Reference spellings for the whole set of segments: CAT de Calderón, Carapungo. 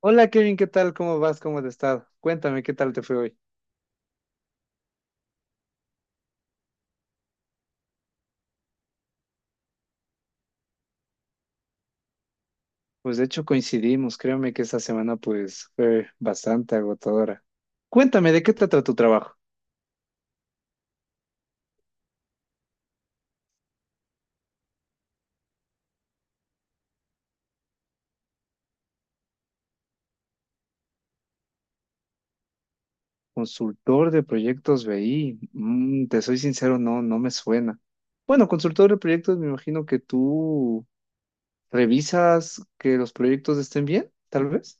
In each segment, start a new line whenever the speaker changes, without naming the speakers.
Hola Kevin, ¿qué tal? ¿Cómo vas? ¿Cómo has estado? Cuéntame, ¿qué tal te fue hoy? Pues de hecho coincidimos, créeme que esta semana pues fue bastante agotadora. Cuéntame, ¿de qué trata tu trabajo? Consultor de proyectos BI. Mm, te soy sincero, no, no me suena. Bueno, consultor de proyectos, me imagino que tú revisas que los proyectos estén bien, tal vez.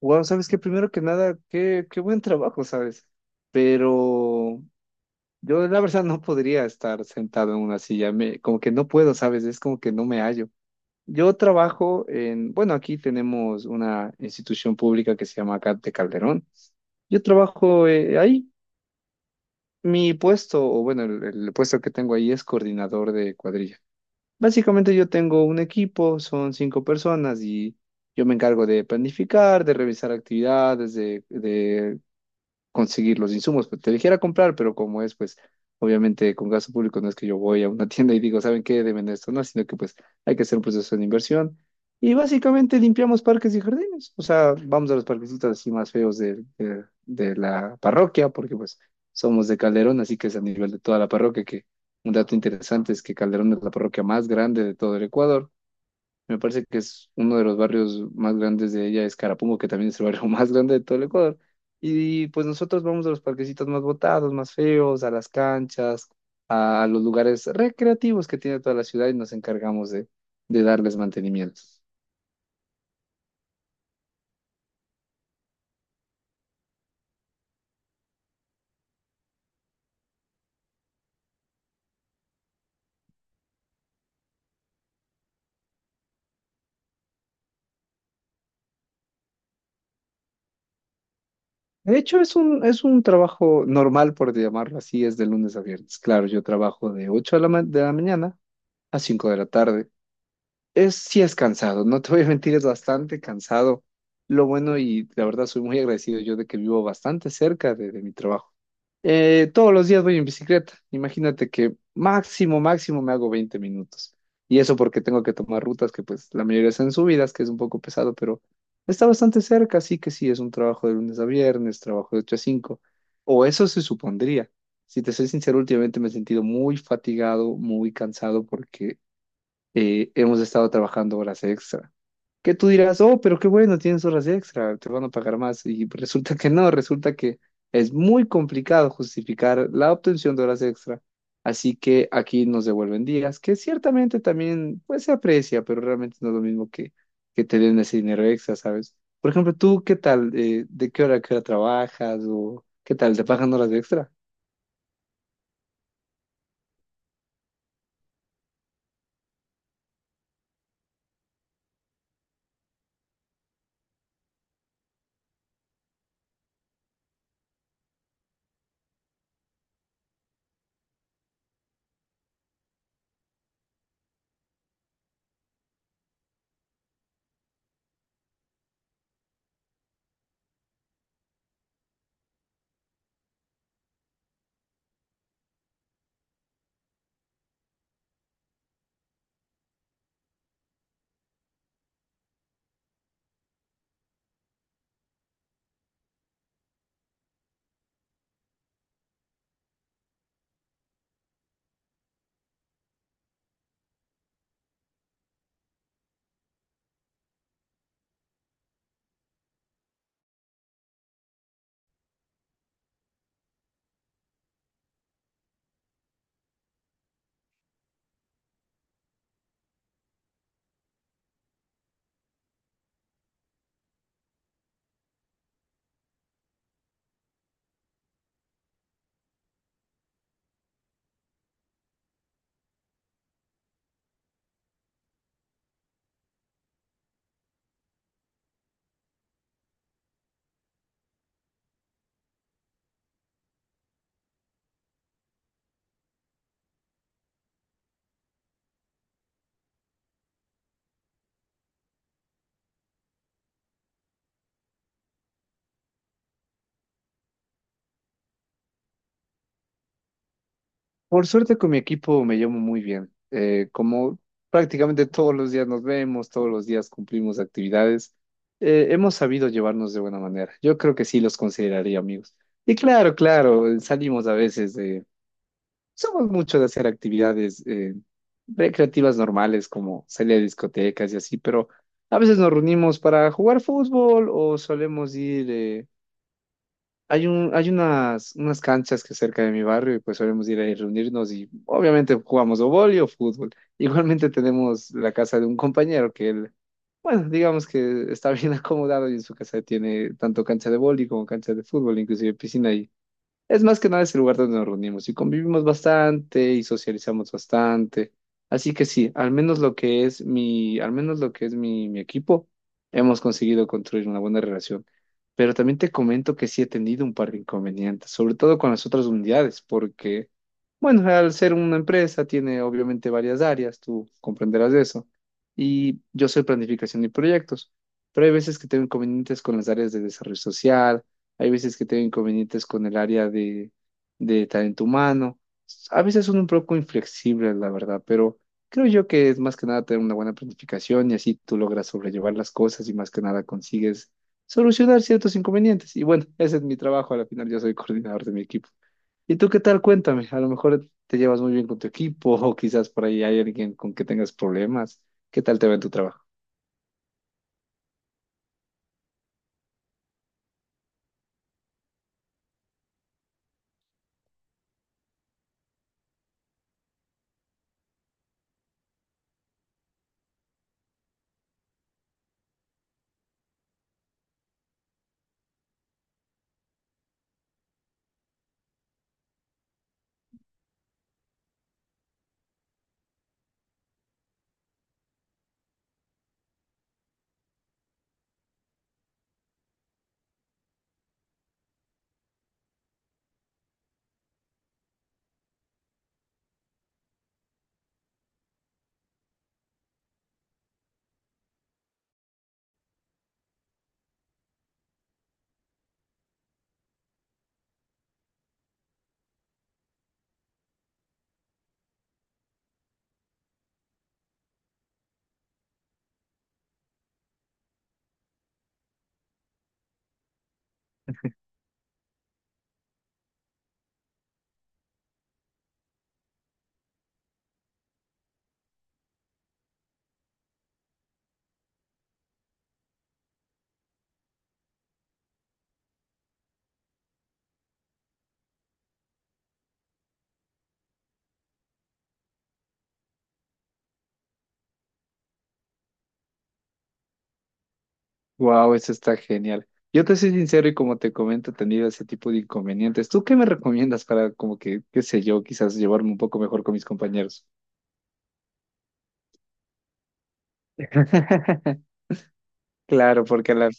Wow, sabes que primero que nada, qué buen trabajo, ¿sabes? Pero yo la verdad no podría estar sentado en una silla, como que no puedo, ¿sabes? Es como que no me hallo. Yo trabajo en, bueno, aquí tenemos una institución pública que se llama CAT de Calderón. Yo trabajo ahí. Mi puesto, o bueno, el puesto que tengo ahí es coordinador de cuadrilla. Básicamente yo tengo un equipo, son cinco personas y yo me encargo de planificar, de revisar actividades, de conseguir los insumos, pues te dijera comprar, pero como es, pues obviamente con gasto público no es que yo voy a una tienda y digo, ¿saben qué? Deben esto, no, sino que pues hay que hacer un proceso de inversión y básicamente limpiamos parques y jardines, o sea, vamos a los parquecitos así más feos de la parroquia, porque pues somos de Calderón, así que es a nivel de toda la parroquia. Que un dato interesante es que Calderón es la parroquia más grande de todo el Ecuador. Me parece que es uno de los barrios más grandes de ella, es Carapungo, que también es el barrio más grande de todo el Ecuador. Y pues nosotros vamos a los parquecitos más botados, más feos, a las canchas, a los lugares recreativos que tiene toda la ciudad y nos encargamos de darles mantenimiento. De hecho, es un trabajo normal, por llamarlo así, es de lunes a viernes. Claro, yo trabajo de 8 de la, de la mañana a 5 de la tarde. Es, sí es cansado, no te voy a mentir, es bastante cansado. Lo bueno y la verdad soy muy agradecido yo de que vivo bastante cerca de mi trabajo. Todos los días voy en bicicleta. Imagínate que máximo, máximo me hago 20 minutos. Y eso porque tengo que tomar rutas que pues la mayoría son subidas, que es un poco pesado, pero está bastante cerca, así que sí, es un trabajo de lunes a viernes, trabajo de 8 a 5. O eso se supondría. Si te soy sincero, últimamente me he sentido muy fatigado, muy cansado porque hemos estado trabajando horas extra. Que tú dirás, oh, pero qué bueno, tienes horas extra, te van a pagar más. Y resulta que no, resulta que es muy complicado justificar la obtención de horas extra. Así que aquí nos devuelven días, que ciertamente también pues se aprecia, pero realmente no es lo mismo que te den ese dinero extra, ¿sabes? Por ejemplo, tú, ¿qué tal? ¿De qué hora a qué hora trabajas? ¿O qué tal? ¿Te pagan horas extra? Por suerte con mi equipo me llevo muy bien. Como prácticamente todos los días nos vemos, todos los días cumplimos actividades, hemos sabido llevarnos de buena manera. Yo creo que sí los consideraría amigos. Y claro, claro, salimos a veces de... Somos mucho de hacer actividades recreativas normales como salir a discotecas y así, pero a veces nos reunimos para jugar fútbol o solemos ir... hay un, hay unas, unas canchas que cerca de mi barrio y pues solemos ir ahí reunirnos y obviamente jugamos o vóley o fútbol. Igualmente tenemos la casa de un compañero que él, bueno, digamos que está bien acomodado y en su casa tiene tanto cancha de vóley como cancha de fútbol, inclusive piscina. Es más que nada es el lugar donde nos reunimos y convivimos bastante y socializamos bastante. Así que sí, al menos lo que es mi, al menos lo que es mi, mi equipo, hemos conseguido construir una buena relación. Pero también te comento que sí he tenido un par de inconvenientes, sobre todo con las otras unidades, porque, bueno, al ser una empresa tiene obviamente varias áreas, tú comprenderás de eso. Y yo soy planificación y proyectos, pero hay veces que tengo inconvenientes con las áreas de desarrollo social, hay veces que tengo inconvenientes con el área de talento humano. A veces son un poco inflexibles, la verdad, pero creo yo que es más que nada tener una buena planificación y así tú logras sobrellevar las cosas y más que nada consigues solucionar ciertos inconvenientes. Y bueno, ese es mi trabajo, al final yo soy coordinador de mi equipo. ¿Y tú qué tal? Cuéntame, a lo mejor te llevas muy bien con tu equipo o quizás por ahí hay alguien con que tengas problemas. ¿Qué tal te va en tu trabajo? Wow, eso está genial. Yo te soy sincero y como te comento, he tenido ese tipo de inconvenientes. ¿Tú qué me recomiendas para como que, qué sé yo, quizás llevarme un poco mejor con mis compañeros? Claro, porque a la...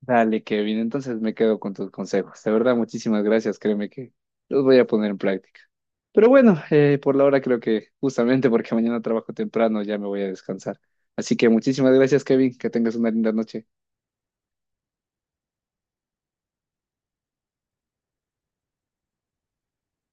Dale, Kevin, entonces me quedo con tus consejos. De verdad, muchísimas gracias. Créeme que los voy a poner en práctica. Pero bueno, por la hora creo que justamente porque mañana trabajo temprano ya me voy a descansar. Así que muchísimas gracias, Kevin. Que tengas una linda noche.